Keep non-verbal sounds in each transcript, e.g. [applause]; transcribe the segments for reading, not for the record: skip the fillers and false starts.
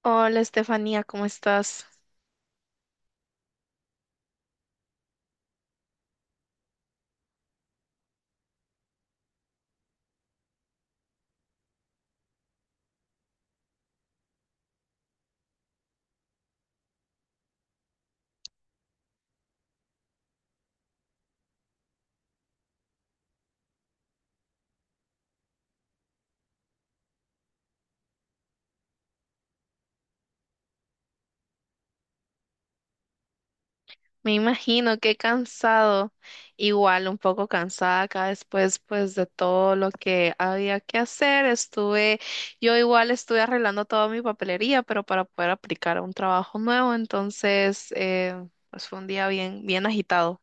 Hola Estefanía, ¿cómo estás? Me imagino que cansado, igual un poco cansada acá después pues de todo lo que había que hacer. Estuve, yo igual estuve arreglando toda mi papelería, pero para poder aplicar a un trabajo nuevo, entonces pues fue un día bien, bien agitado.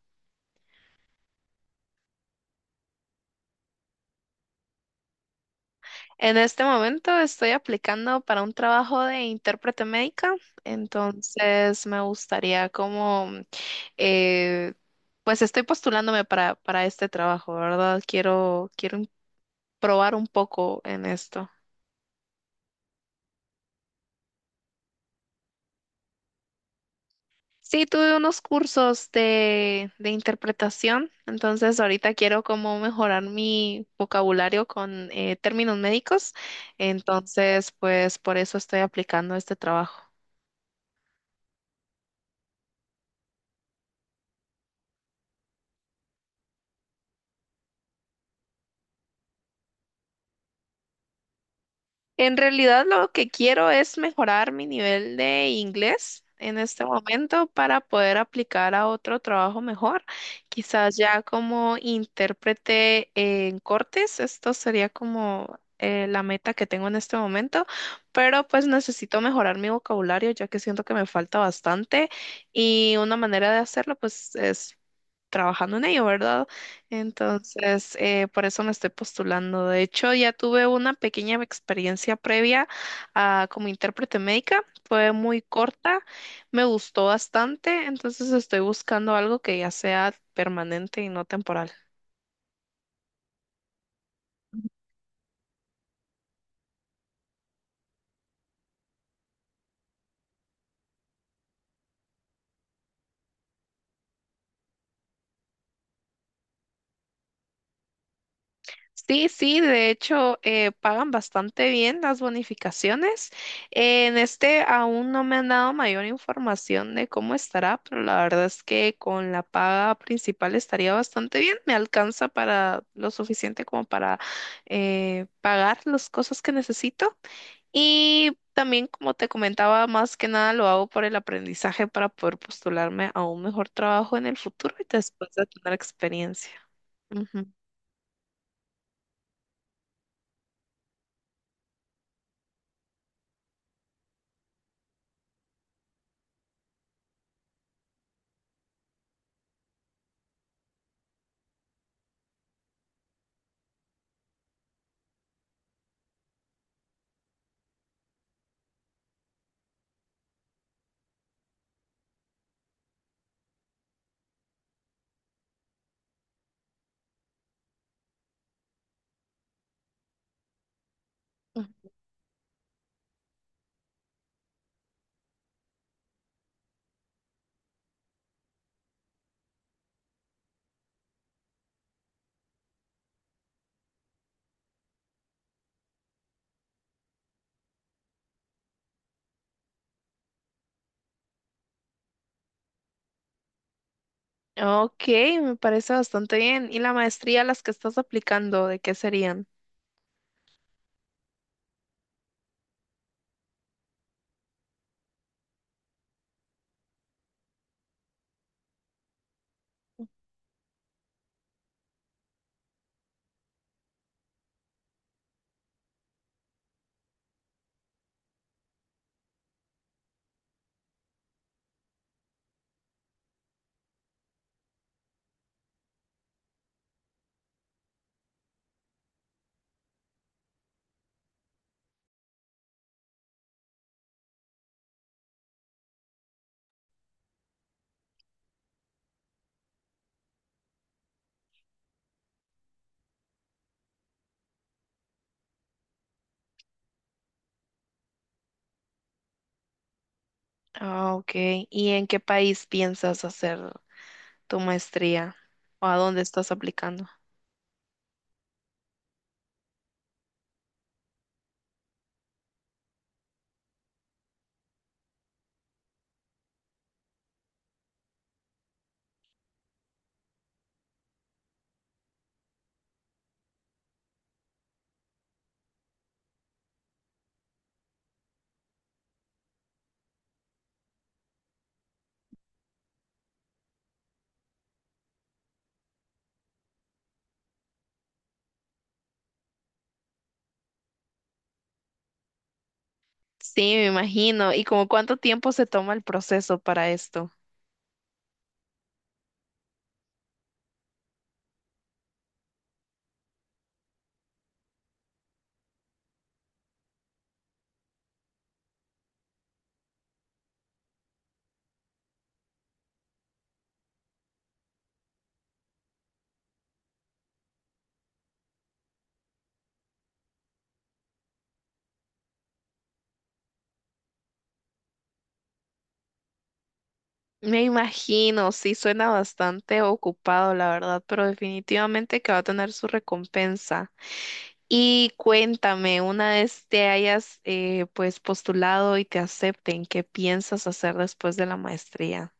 En este momento estoy aplicando para un trabajo de intérprete médica, entonces me gustaría como eh, pues estoy postulándome para este trabajo, ¿verdad? Quiero probar un poco en esto. Sí, tuve unos cursos de interpretación, entonces ahorita quiero como mejorar mi vocabulario con términos médicos, entonces pues por eso estoy aplicando este trabajo. En realidad lo que quiero es mejorar mi nivel de inglés en este momento para poder aplicar a otro trabajo mejor. Quizás ya como intérprete en cortes, esto sería como la meta que tengo en este momento, pero pues necesito mejorar mi vocabulario ya que siento que me falta bastante y una manera de hacerlo pues es trabajando en ello, ¿verdad? Entonces, por eso me estoy postulando. De hecho, ya tuve una pequeña experiencia previa como intérprete médica. Fue muy corta, me gustó bastante, entonces estoy buscando algo que ya sea permanente y no temporal. Sí, sí, de hecho pagan bastante bien las bonificaciones. En este aún no me han dado mayor información de cómo estará, pero la verdad es que con la paga principal estaría bastante bien. Me alcanza para lo suficiente como para pagar las cosas que necesito. Y también, como te comentaba, más que nada lo hago por el aprendizaje para poder postularme a un mejor trabajo en el futuro y después de tener experiencia. Ujú. Ok, me parece bastante bien. ¿Y la maestría a las que estás aplicando, de qué serían? Ah, ok. ¿Y en qué país piensas hacer tu maestría? ¿O a dónde estás aplicando? Sí, me imagino. ¿Y como cuánto tiempo se toma el proceso para esto? Me imagino, sí, suena bastante ocupado, la verdad, pero definitivamente que va a tener su recompensa. Y cuéntame, una vez te hayas pues postulado y te acepten, ¿qué piensas hacer después de la maestría?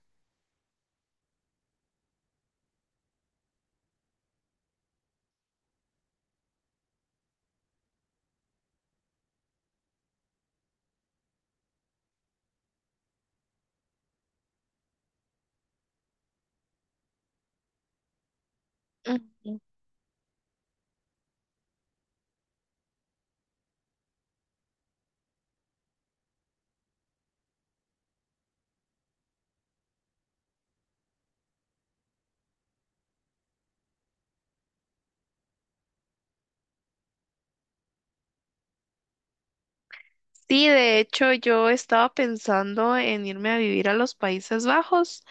Ujú. Sí, de hecho yo estaba pensando en irme a vivir a los Países Bajos.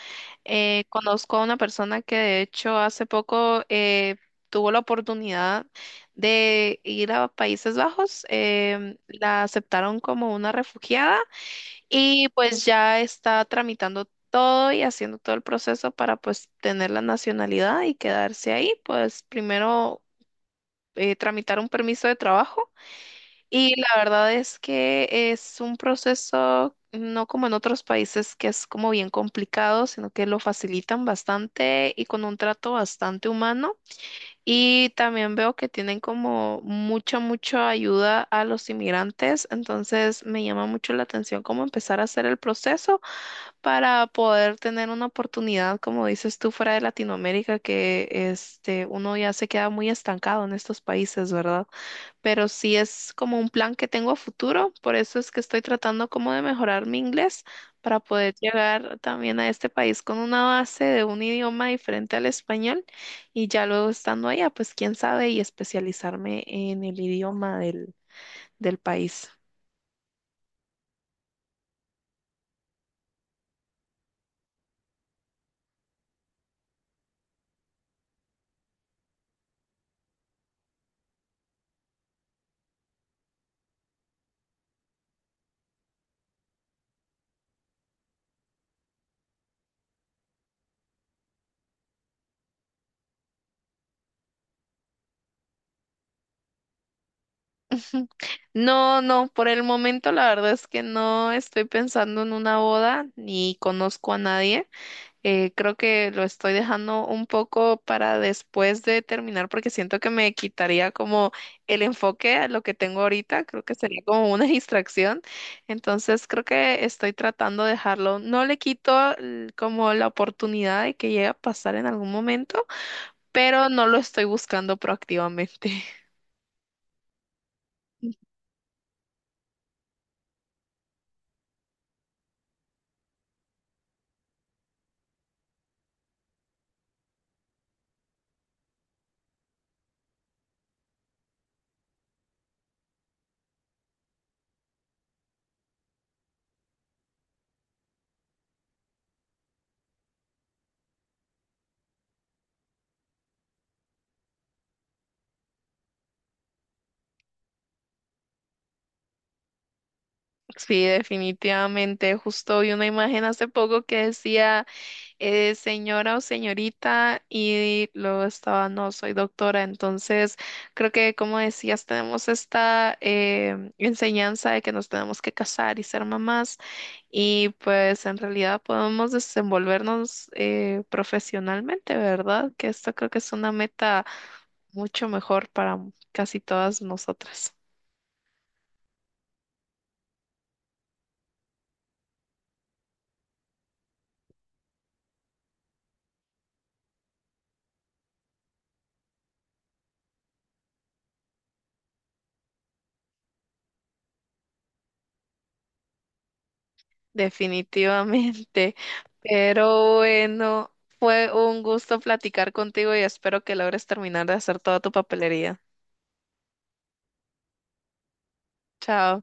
Conozco a una persona que de hecho hace poco tuvo la oportunidad de ir a Países Bajos. La aceptaron como una refugiada. Y pues ya está tramitando todo y haciendo todo el proceso para pues tener la nacionalidad y quedarse ahí. Pues primero tramitar un permiso de trabajo, y la verdad es que es un proceso no como en otros países que es como bien complicado, sino que lo facilitan bastante y con un trato bastante humano. Y también veo que tienen como mucha, mucha ayuda a los inmigrantes, entonces me llama mucho la atención cómo empezar a hacer el proceso para poder tener una oportunidad, como dices tú, fuera de Latinoamérica, que este, uno ya se queda muy estancado en estos países, ¿verdad? Pero sí es como un plan que tengo a futuro, por eso es que estoy tratando como de mejorar mi inglés para poder llegar también a este país con una base de un idioma diferente al español, y ya luego estando allá, pues quién sabe y especializarme en el idioma del país. No, no, por el momento la verdad es que no estoy pensando en una boda ni conozco a nadie. Creo que lo estoy dejando un poco para después de terminar porque siento que me quitaría como el enfoque a lo que tengo ahorita. Creo que sería como una [laughs] distracción. Entonces creo que estoy tratando de dejarlo. No le quito como la oportunidad de que llegue a pasar en algún momento, pero no lo estoy buscando proactivamente. [laughs] Sí, definitivamente. Justo vi una imagen hace poco que decía señora o señorita y luego estaba no, soy doctora. Entonces, creo que como decías, tenemos esta enseñanza de que nos tenemos que casar y ser mamás, y pues en realidad podemos desenvolvernos profesionalmente, ¿verdad? Que esto creo que es una meta mucho mejor para casi todas nosotras. Definitivamente. Pero bueno, fue un gusto platicar contigo y espero que logres terminar de hacer toda tu papelería. Chao.